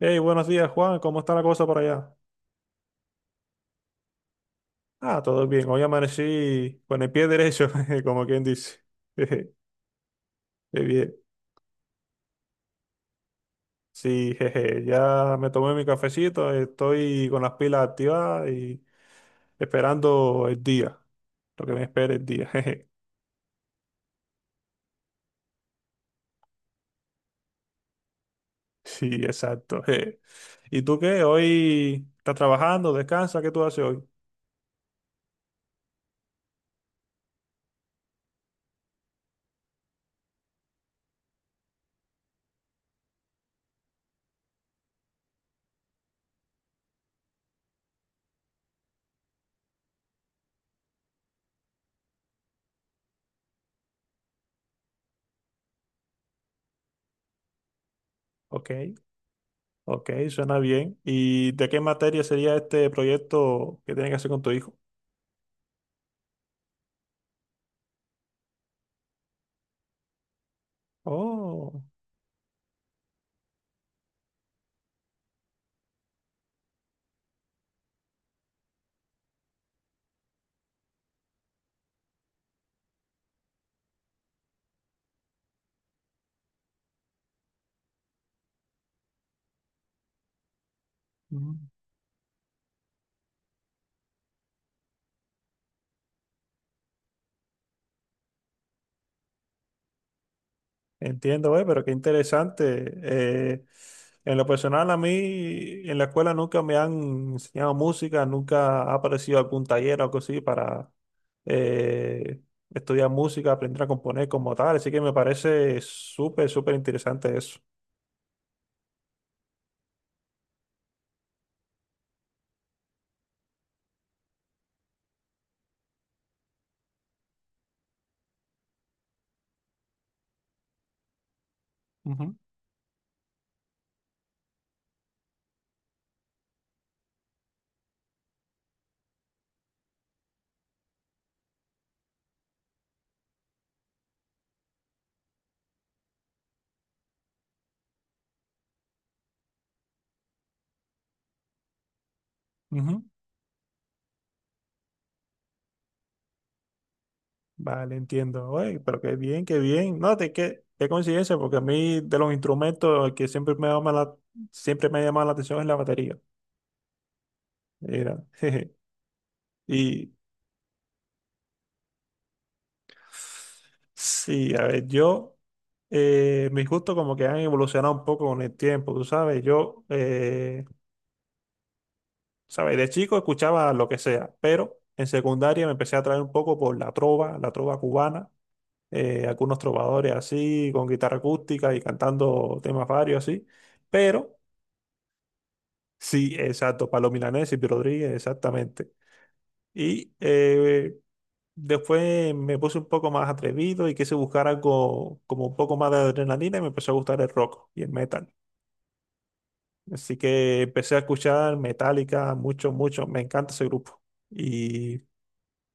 Hey, buenos días, Juan. ¿Cómo está la cosa por allá? Ah, todo bien. Hoy amanecí con el pie derecho, jeje, como quien dice. Jeje. Qué bien. Sí, jeje. Ya me tomé mi cafecito. Estoy con las pilas activadas y esperando el día. Lo que me espera el día. Jeje. Sí, exacto. Jeje. ¿Y tú qué? ¿Hoy estás trabajando? ¿Descansa? ¿Qué tú haces hoy? Ok, ok, suena bien. ¿Y de qué materia sería este proyecto que tienes que hacer con tu hijo? Oh. Mm. Entiendo, güey, pero qué interesante. En lo personal, a mí en la escuela nunca me han enseñado música, nunca ha aparecido algún taller o algo así para eh, estudiar música, aprender a componer como tal. Así que me parece súper, súper interesante eso. Ujú, ujú. Vale, entiendo, güey, pero qué bien, qué bien. No, de qué, qué coincidencia, porque a mí de los instrumentos el que siempre me llama la, siempre me ha llamado la atención es la batería. Mira, jeje. Y Sí, a ver, yo, mis gustos como que han evolucionado un poco con el tiempo, tú sabes, yo, sabes, de chico escuchaba lo que sea, pero en secundaria me empecé a atraer un poco por la trova cubana, algunos trovadores así, con guitarra acústica y cantando temas varios así, pero sí, exacto, Pablo Milanés y Rodríguez, exactamente. Y después me puse un poco más atrevido y quise buscar algo como un poco más de adrenalina y me empezó a gustar el rock y el metal. Así que empecé a escuchar Metallica mucho, mucho. Me encanta ese grupo. Y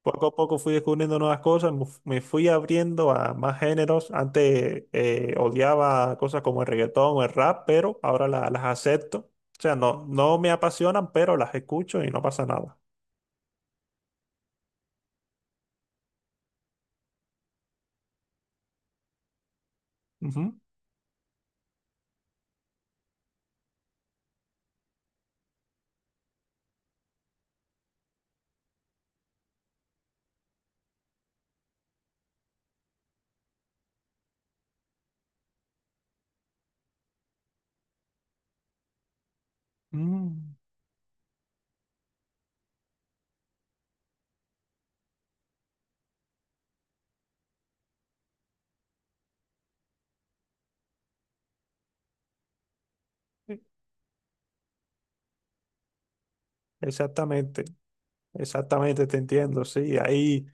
poco a poco fui descubriendo nuevas cosas, me fui abriendo a más géneros. Antes odiaba cosas como el reggaetón o el rap, pero ahora las acepto. O sea, no, no me apasionan, pero las escucho y no pasa nada. Ujú. Mm. Exactamente. Exactamente, te entiendo, sí. Ahí,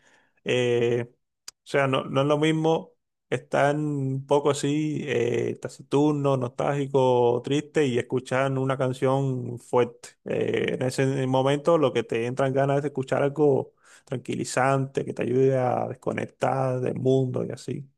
eh, o sea, no, no es lo mismo estar un poco así, taciturno, nostálgico, triste y escuchar una canción fuerte. En ese momento lo que te entran ganas es de escuchar algo tranquilizante, que te ayude a desconectar del mundo y así.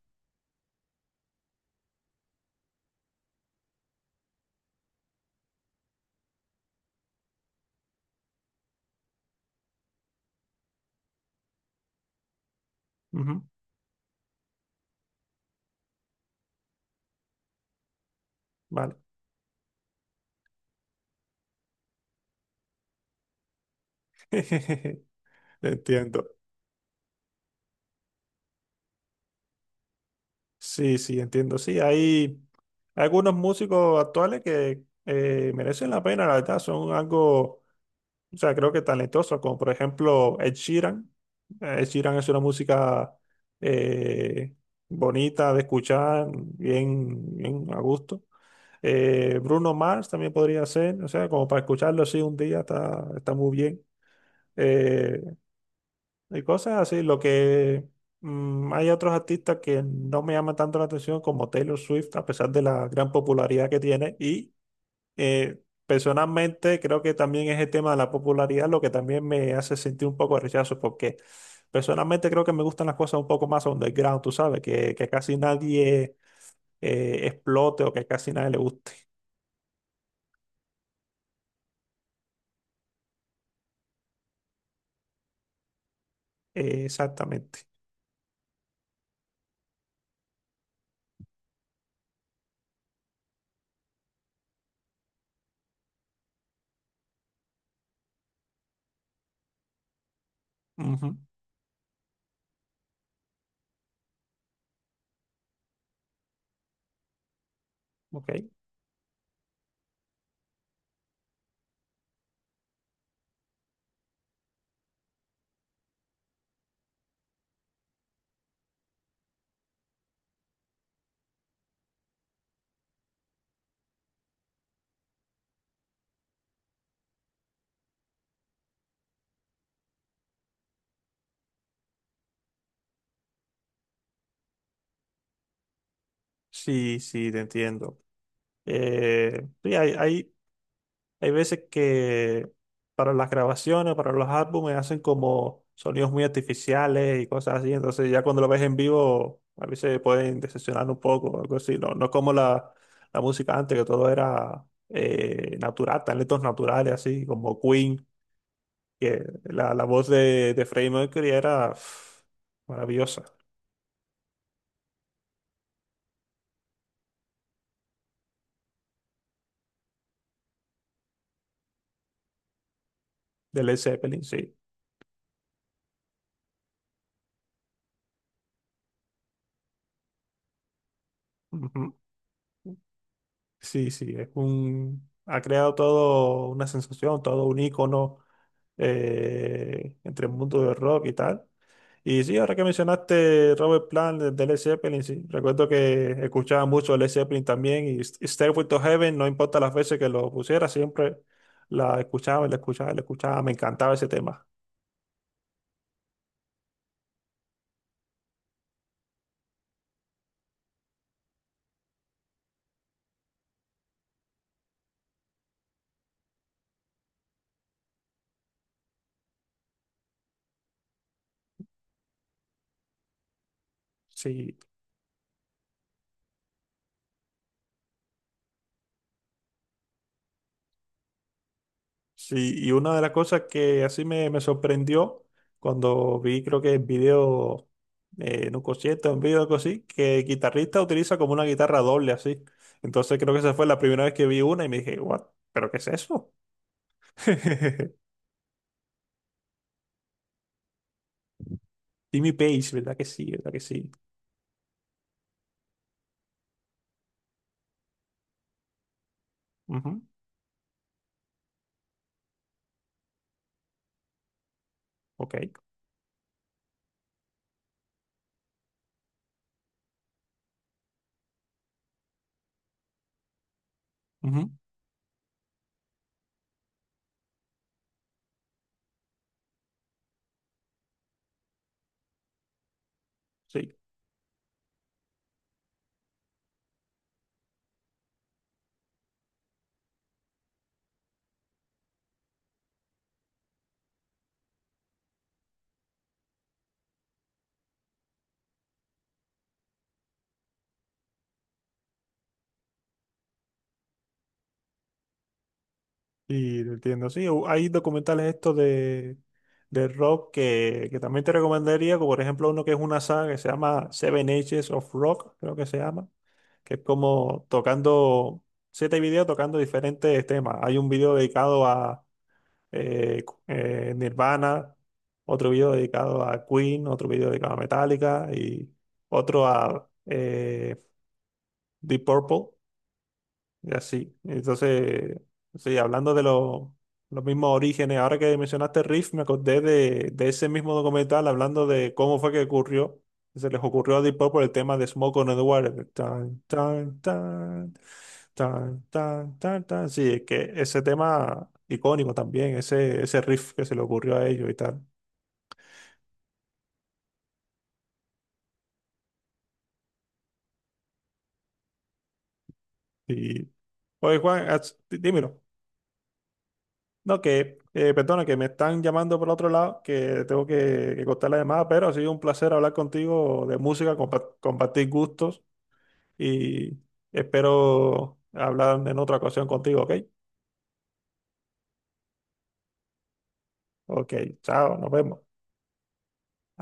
Ujú. Vale. Te entiendo. Sí, sí, entiendo. Sí, hay algunos músicos actuales que merecen la pena, la verdad, son algo, o sea, creo que talentosos, como por ejemplo Ed Sheeran. Ed Sheeran es una música eh, bonita de escuchar, bien, bien a gusto. Bruno Mars también podría ser, o sea, como para escucharlo así un día está, está muy bien. Eh, y cosas así, lo que hay otros artistas que no me llaman tanto la atención como Taylor Swift, a pesar de la gran popularidad que tiene. Y eh, personalmente creo que también es el tema de la popularidad lo que también me hace sentir un poco de rechazo, porque personalmente creo que me gustan las cosas un poco más underground, tú sabes, que casi nadie explote o que casi nadie le guste. Exactamente. Ujú. Ok. Sí, sí, te entiendo. Sí, hay veces que para las grabaciones, para los álbumes, hacen como sonidos muy artificiales y cosas así. Entonces ya cuando lo ves en vivo, a veces pueden decepcionar un poco o algo así. No, no es como la música antes, que todo era natural, talentos naturales, así como Queen, que la voz de Freddie Mercury era pff, maravillosa, de Led Zeppelin, sí. Ujú. Sí, sí, es un, ha creado todo una sensación, todo un icono entre el mundo del rock y tal. Y sí, ahora que mencionaste Robert Plant de Led Zeppelin, sí, recuerdo que escuchaba mucho Led Zeppelin también y Stairway to Heaven, no importa las veces que lo pusiera, siempre la escuchaba, la escuchaba, la escuchaba, me encantaba ese tema. Sí. Sí, y una de las cosas que así me sorprendió cuando vi, creo que el video en un concierto, un video algo así, que el guitarrista utiliza como una guitarra doble así. Entonces creo que esa fue la primera vez que vi una y me dije, what, ¿pero qué es eso? Jimmy Page, ¿verdad que sí? ¿Verdad que sí? Ujú. Ok. Ujú. Sí. Y lo entiendo, sí. Hay documentales estos de rock que también te recomendaría, como por ejemplo uno que es una saga que se llama Seven Ages of Rock, creo que se llama que es como tocando, siete videos tocando diferentes temas. Hay un video dedicado a Nirvana, otro video dedicado a Queen, otro video dedicado a Metallica y otro a Deep Purple. Y así. Entonces, sí, hablando de los mismos orígenes, ahora que mencionaste Riff, me acordé de ese mismo documental hablando de cómo fue que ocurrió, que se les ocurrió a Deep Purple el tema de Smoke on the Water. Tan, tan, tan, tan, tan, tan, tan. Sí, es que ese tema icónico también, ese riff que se le ocurrió a ellos y tal. Y, oye, Juan, dímelo. No, que, perdona, que me están llamando por otro lado, que tengo que cortar la llamada, pero ha sido un placer hablar contigo de música, compartir gustos y espero hablar en otra ocasión contigo, ¿ok? Ok, chao, nos vemos.